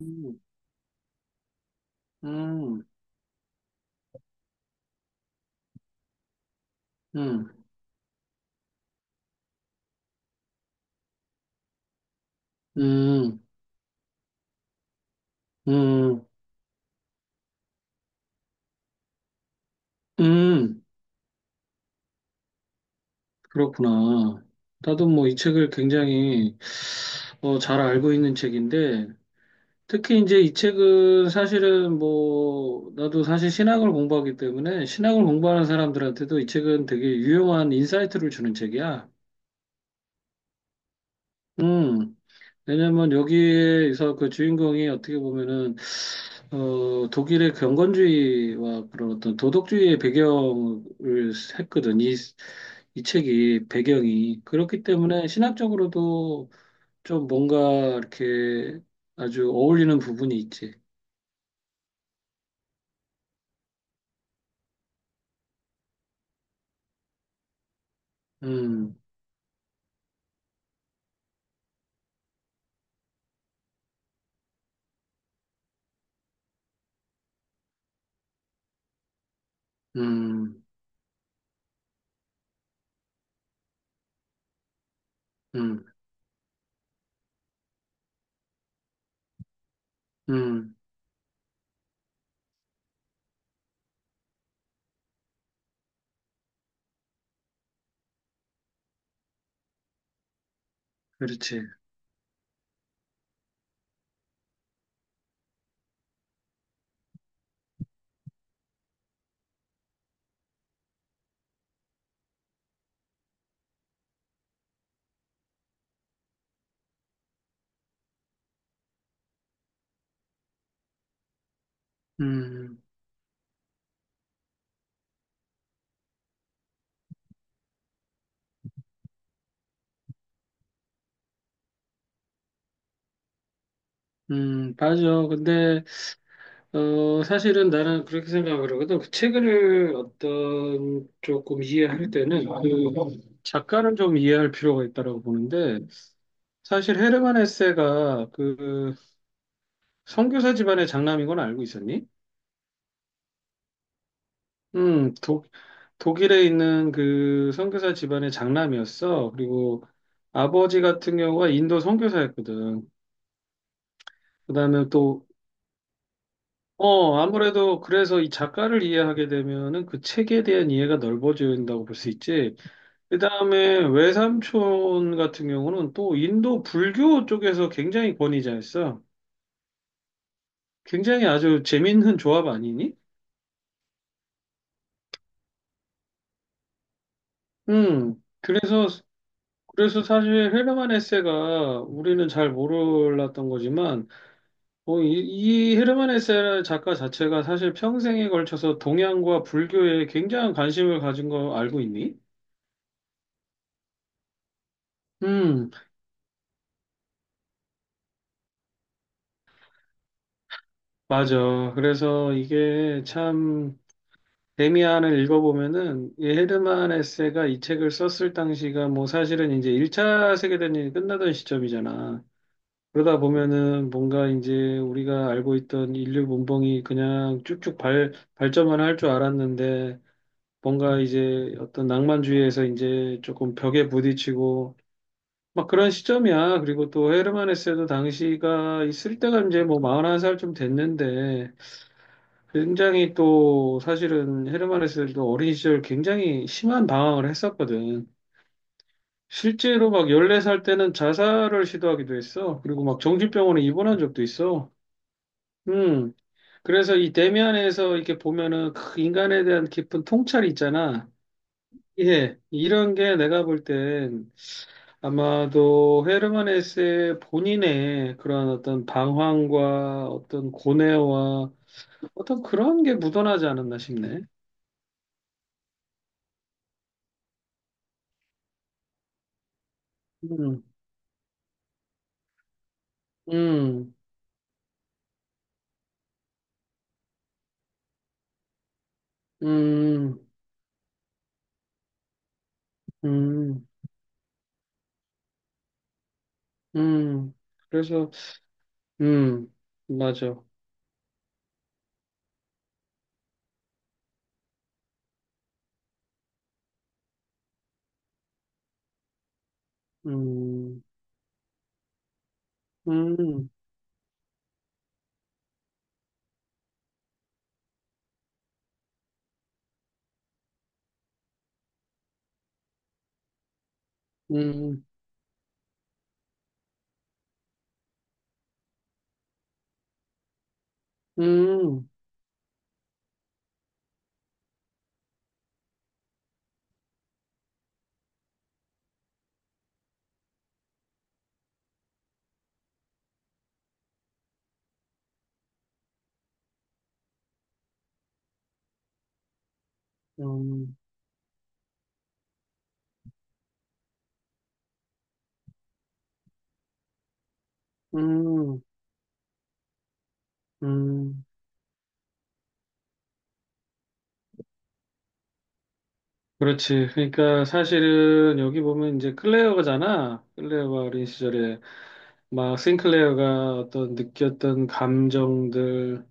음. 음. 음. 음. 음. 음. 그렇구나. 나도 뭐 이 책을 굉장히 잘 알고 있는 책인데, 특히 이제 이 책은 사실은 뭐, 나도 사실 신학을 공부하기 때문에 신학을 공부하는 사람들한테도 이 책은 되게 유용한 인사이트를 주는 책이야. 음, 왜냐면 여기에서 그 주인공이 어떻게 보면은 독일의 경건주의와 그런 어떤 도덕주의의 배경을 했거든. 이 책이 배경이. 그렇기 때문에 신학적으로도 좀 뭔가 이렇게 아주 어울리는 부분이 있지. 음. 음. 음. 음. 그렇지. 음. 음. 맞아. 근데, 사실은 나는 그렇게 생각을 하거든. 그 책을 어떤 조금 이해할 때는 그 작가를 좀 이해할 필요가 있다라고 보는데, 사실 헤르만 헤세가 그 선교사 집안의 장남인 건 알고 있었니? 음, 독, 독일에 있는 그 선교사 집안의 장남이었어. 그리고 아버지 같은 경우가 인도 선교사였거든. 그다음에 또 아무래도 그래서 이 작가를 이해하게 되면은 그 책에 대한 이해가 넓어진다고 볼 수 있지. 그다음에 외삼촌 같은 경우는 또 인도 불교 쪽에서 굉장히 권위자였어. 굉장히 아주 재밌는 조합 아니니? 음. 그래서 그래서 사실 헤르만 헤세가 우리는 잘 몰랐던 거지만 이 헤르만 헤세 작가 자체가 사실 평생에 걸쳐서 동양과 불교에 굉장한 관심을 가진 거 알고 있니? 음, 맞아. 그래서 이게 참 데미안을 읽어보면은 이 헤르만 헤세가 이 책을 썼을 당시가 뭐 사실은 이제 1차 세계대전이 끝나던 시점이잖아. 그러다 보면은 뭔가 이제 우리가 알고 있던 인류 문명이 그냥 쭉쭉 발전만 할 줄 알았는데 뭔가 이제 어떤 낭만주의에서 이제 조금 벽에 부딪히고 막 그런 시점이야. 그리고 또 헤르만 헤세도 당시가 있을 때가 이제 뭐 41살 좀 됐는데 굉장히 또 사실은 헤르만 헤세도 어린 시절 굉장히 심한 방황을 했었거든. 실제로 막 14살 때는 자살을 시도하기도 했어. 그리고 막 정신병원에 입원한 적도 있어. 음. 그래서 이 대면에서 이렇게 보면은 그 인간에 대한 깊은 통찰이 있잖아. 예, 이런 게 내가 볼 땐 아마도 헤르만 헤세의 본인의 그런 어떤 방황과 어떤 고뇌와 어떤 그런 게 묻어나지 않았나 싶네. 음. 음. 음. 음. 음. 그래서, 음, 맞아. 음. 음. 음. 음. 음. 음. 음. 그렇지. 그러니까 사실은 여기 보면 이제 클레어가잖아. 클레어가 어린 시절에 막 싱클레어가 어떤 느꼈던 감정들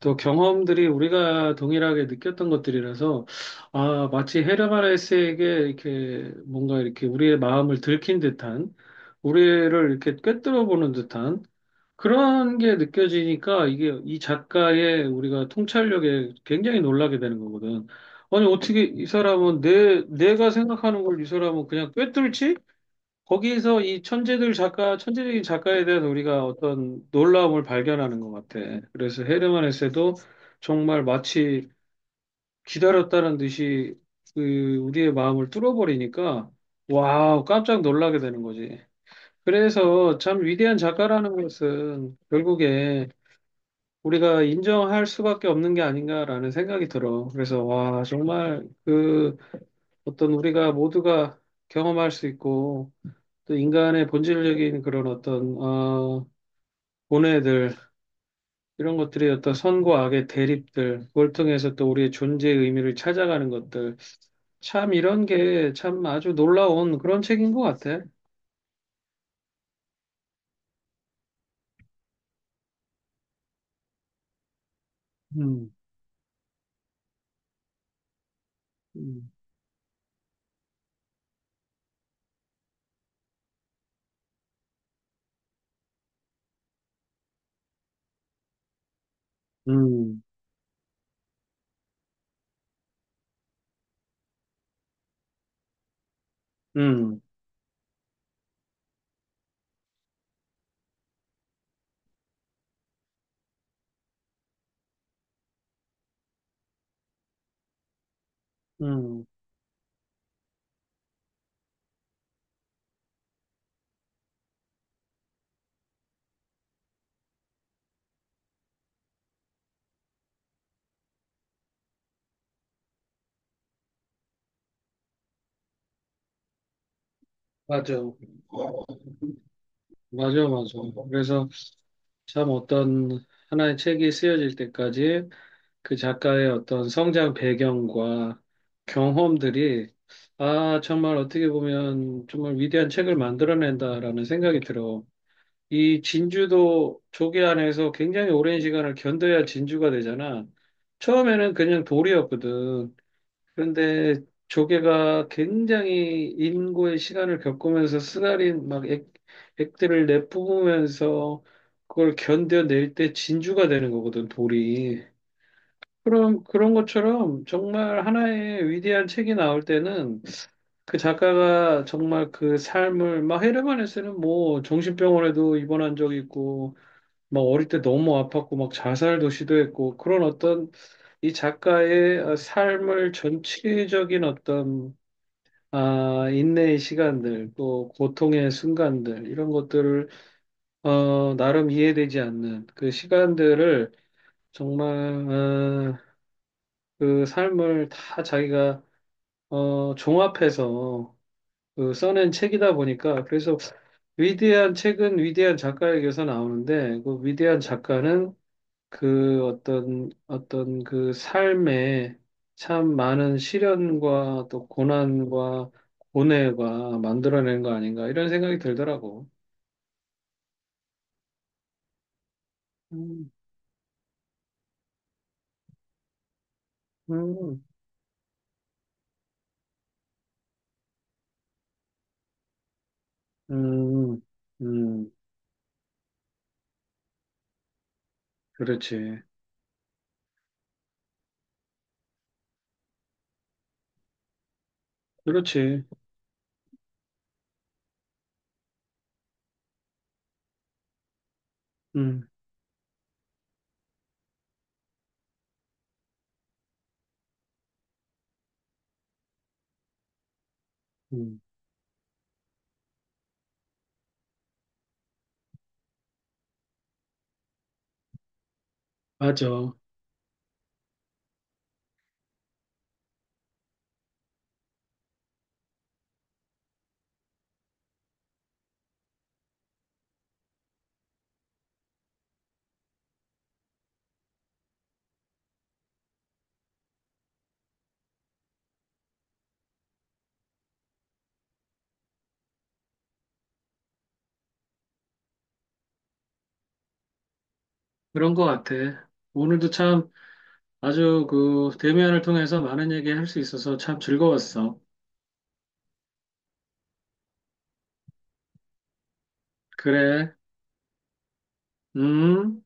또 경험들이 우리가 동일하게 느꼈던 것들이라서 아, 마치 헤르만헤세에게 이렇게 뭔가 이렇게 우리의 마음을 들킨 듯한 우리를 이렇게 꿰뚫어 보는 듯한 그런 게 느껴지니까 이게 이 작가의 우리가 통찰력에 굉장히 놀라게 되는 거거든. 아니, 어떻게 이 사람은 내가 생각하는 걸 이 사람은 그냥 꿰뚫지? 거기에서 이 천재들 작가, 천재적인 작가에 대한 우리가 어떤 놀라움을 발견하는 것 같아. 그래서 헤르만 헤세도 정말 마치 기다렸다는 듯이 그 우리의 마음을 뚫어버리니까 와우, 깜짝 놀라게 되는 거지. 그래서 참 위대한 작가라는 것은 결국에 우리가 인정할 수밖에 없는 게 아닌가라는 생각이 들어. 그래서, 와, 정말 그 어떤 우리가 모두가 경험할 수 있고, 또 인간의 본질적인 그런 어떤, 본애들, 이런 것들이 어떤 선과 악의 대립들, 그걸 통해서 또 우리의 존재의 의미를 찾아가는 것들. 참 이런 게 참 아주 놀라운 그런 책인 것 같아. 음. 음. 음. 음. 음. 맞아. 맞아, 맞아. 그래서, 참 어떤 하나의 책이 쓰여질 때까지 그 작가의 어떤 성장 배경과 경험들이 아, 정말 어떻게 보면 정말 위대한 책을 만들어낸다라는 생각이 들어. 이 진주도 조개 안에서 굉장히 오랜 시간을 견뎌야 진주가 되잖아. 처음에는 그냥 돌이었거든. 그런데 조개가 굉장히 인고의 시간을 겪으면서 쓰라린 막 액들을 내뿜으면서 그걸 견뎌낼 때 진주가 되는 거거든, 돌이. 그럼 그런 것처럼 정말 하나의 위대한 책이 나올 때는 그 작가가 정말 그 삶을 막 헤르만에서는 뭐 정신병원에도 입원한 적이 있고 막 어릴 때 너무 아팠고 막 자살도 시도했고 그런 어떤 이 작가의 삶을 전체적인 어떤 아, 인내의 시간들, 또 고통의 순간들, 이런 것들을, 나름 이해되지 않는 그 시간들을 정말, 그 삶을 다 자기가, 종합해서 그 써낸 책이다 보니까, 그래서 위대한 책은 위대한 작가에게서 나오는데, 그 위대한 작가는 그 어떤 그 삶에 참 많은 시련과 또 고난과 고뇌가 만들어낸 거 아닌가 이런 생각이 들더라고. 음. 음. 음. 음. 그렇지. 그렇지. 음. 음. 맞아. 그런 거 같아. 오늘도 참 아주 그 대면을 통해서 많은 얘기 할 수 있어서 참 즐거웠어. 그래, 음.